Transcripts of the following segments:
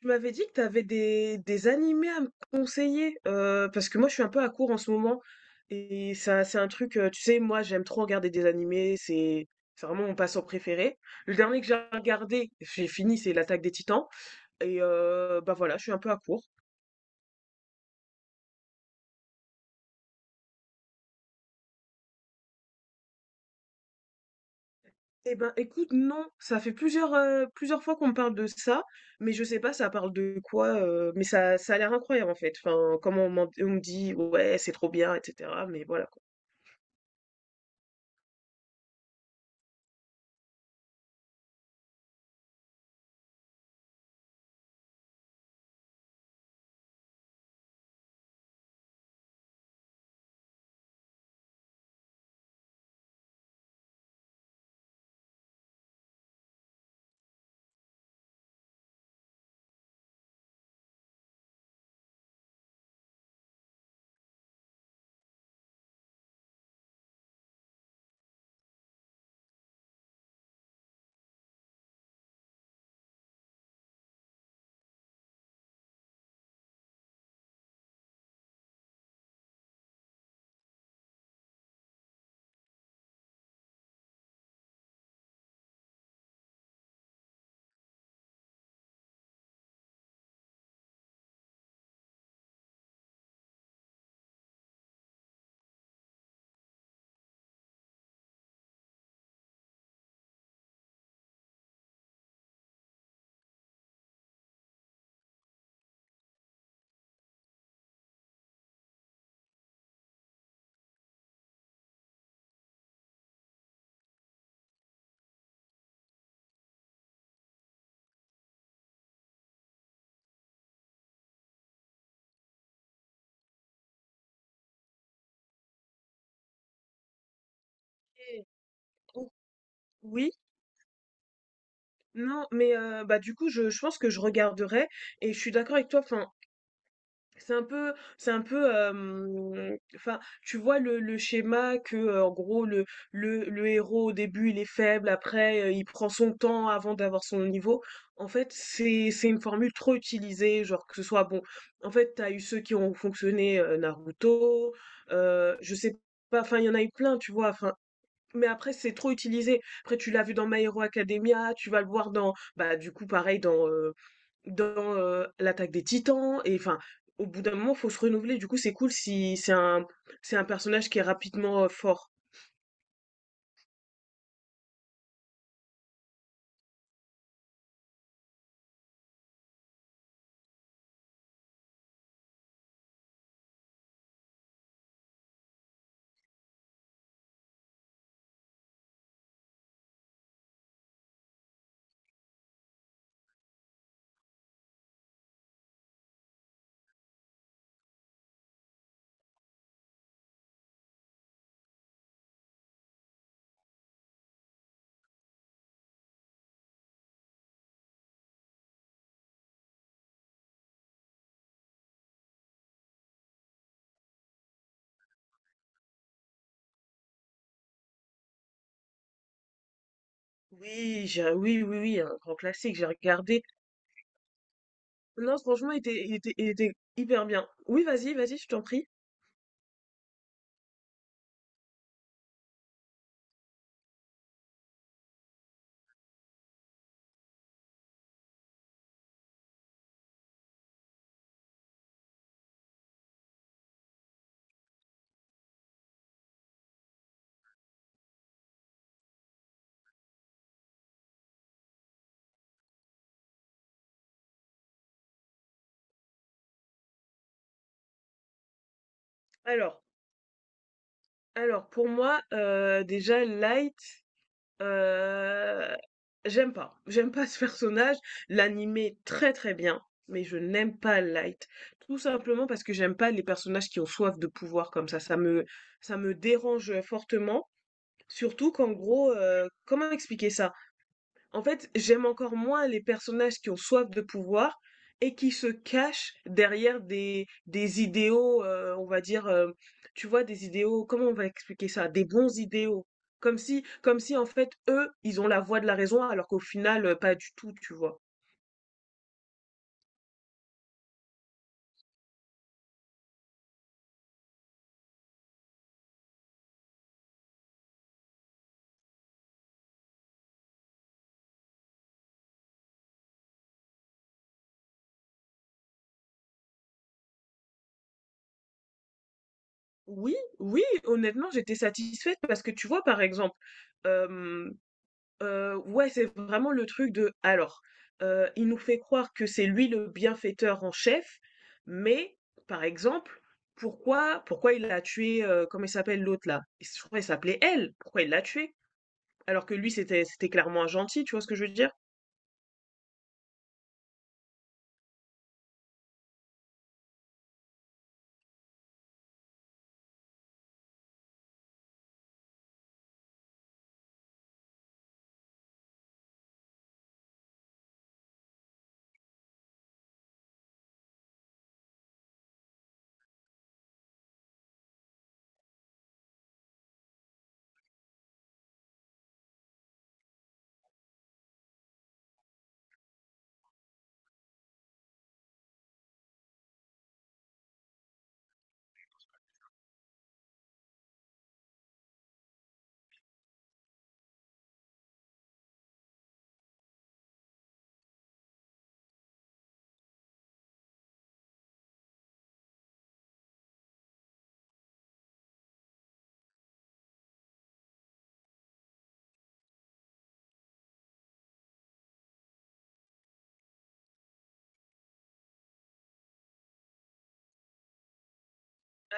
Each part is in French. Tu m'avais dit que tu avais des animés à me conseiller, parce que moi je suis un peu à court en ce moment, et ça c'est un truc, tu sais, moi j'aime trop regarder des animés, c'est vraiment mon passe-temps préféré. Le dernier que j'ai regardé, j'ai fini, c'est L'Attaque des Titans, et bah voilà, je suis un peu à court. Eh ben écoute, non, ça fait plusieurs fois qu'on me parle de ça, mais je sais pas ça parle de quoi, mais ça a l'air incroyable en fait, enfin, comment on, on me dit, ouais, c'est trop bien, etc., mais voilà quoi. Et, oui, non, mais bah, du coup, je pense que je regarderai et je suis d'accord avec toi, enfin, c'est un peu c'est un peu, enfin, tu vois le schéma que, en gros, le héros, au début, il est faible, après, il prend son temps avant d'avoir son niveau. En fait, c'est une formule trop utilisée, genre que ce soit bon, en fait, t'as eu ceux qui ont fonctionné, Naruto, je sais pas, enfin, il y en a eu plein, tu vois? Enfin, mais après, c'est trop utilisé. Après, tu l'as vu dans My Hero Academia, tu vas le voir dans, bah, du coup, pareil, dans l'attaque des Titans. Et enfin, au bout d'un moment, faut se renouveler. Du coup, c'est cool si c'est un, c'est un personnage qui est rapidement fort. Oui, oui, oui, oui, un grand classique, j'ai regardé. Non, franchement, il était hyper bien. Oui, vas-y, vas-y, je t'en prie. Alors, alors, pour moi, déjà, Light, Heu, j'aime pas. J'aime pas ce personnage. L'anime est très, très bien, mais je n'aime pas Light. Tout simplement parce que j'aime pas les personnages qui ont soif de pouvoir comme ça. Ça me dérange fortement. Surtout qu'en gros, comment expliquer ça? En fait, j'aime encore moins les personnages qui ont soif de pouvoir et qui se cachent derrière des idéaux, on va dire, tu vois, des idéaux, comment on va expliquer ça? Des bons idéaux. Comme si, en fait, eux, ils ont la voix de la raison alors qu'au final, pas du tout, tu vois? Oui, oui, honnêtement, j'étais satisfaite parce que tu vois, par exemple, ouais, c'est vraiment le truc de alors, il nous fait croire que c'est lui le bienfaiteur en chef, mais par exemple, pourquoi il a tué, comment il s'appelle l'autre là? Il s je crois qu'il s'appelait elle. Pourquoi il l'a tué? Alors que lui c'était clairement un gentil, tu vois ce que je veux dire?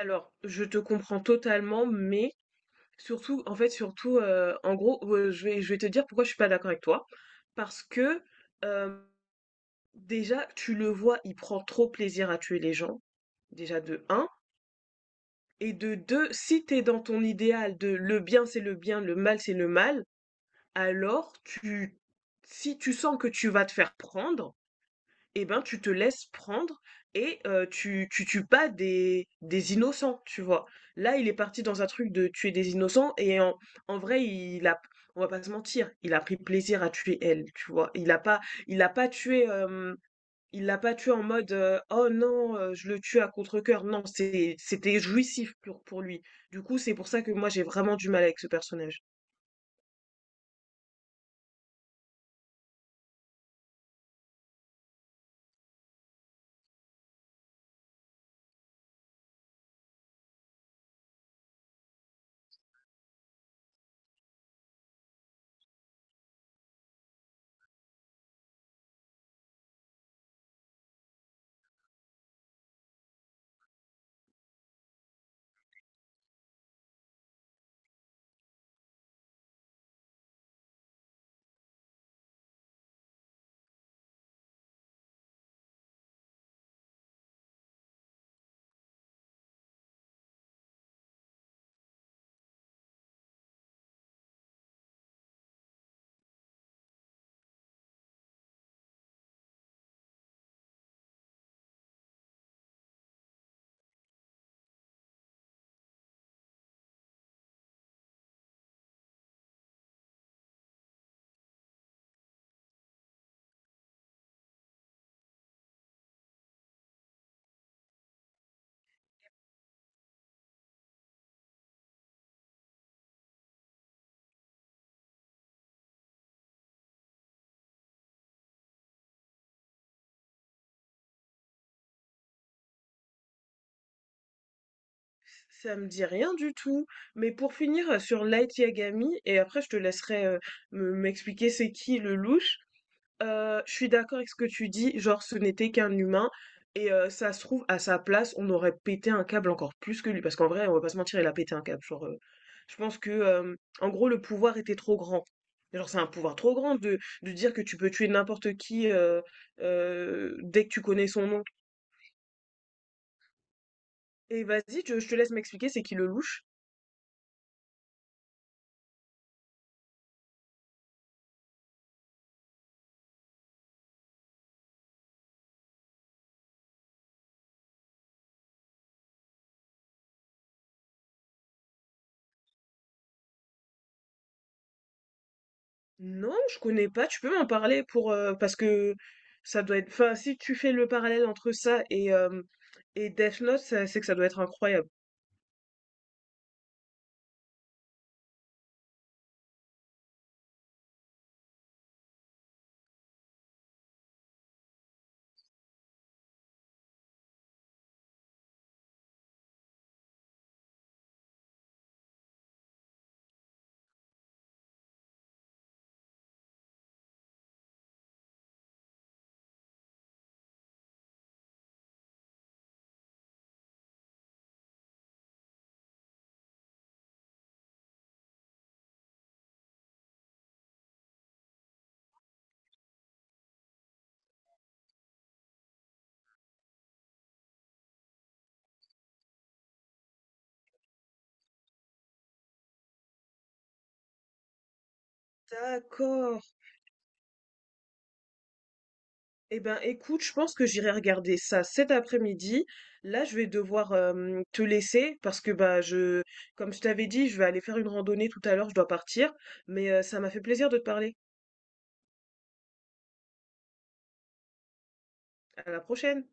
Alors, je te comprends totalement, mais surtout en fait, surtout, en gros, je vais te dire pourquoi je suis pas d'accord avec toi. Parce que, hem déjà, tu le vois, il prend trop plaisir à tuer les gens, déjà de un, et de 2, si t'es dans ton idéal de le bien c'est le bien, le mal c'est le mal, alors tu, si tu sens que tu vas te faire prendre, eh ben tu te laisses prendre et tu, tu tues pas des innocents, tu vois. Là, il est parti dans un truc de tuer des innocents et en vrai, on va pas se mentir, il a pris plaisir à tuer elle, tu vois. Il a pas tué. Il l'a pas tué en mode, «Oh non, je le tue à contre-cœur». Non, c'était jouissif pour lui. Du coup, c'est pour ça que moi j'ai vraiment du mal avec ce personnage. Ça me dit rien du tout, mais pour finir, sur Light Yagami, et après je te laisserai me m'expliquer c'est qui le louche. Je suis d'accord avec ce que tu dis, genre ce n'était qu'un humain et ça se trouve à sa place, on aurait pété un câble encore plus que lui. Parce qu'en vrai, on va pas se mentir, il a pété un câble. Je pense que, en gros, le pouvoir était trop grand. Genre, c'est un pouvoir trop grand de dire que tu peux tuer n'importe qui, dès que tu connais son nom. Et vas-y, je te laisse m'expliquer, c'est qui le louche? Non, je connais pas. Tu peux m'en parler, pour parce que ça doit être. Enfin, si tu fais le parallèle entre ça et Death Note, c'est que ça doit être incroyable. D'accord. Eh ben, écoute, je pense que j'irai regarder ça cet après-midi. Là, je vais devoir te laisser parce que comme je t'avais dit, je vais aller faire une randonnée tout à l'heure. Je dois partir, mais ça m'a fait plaisir de te parler. À la prochaine.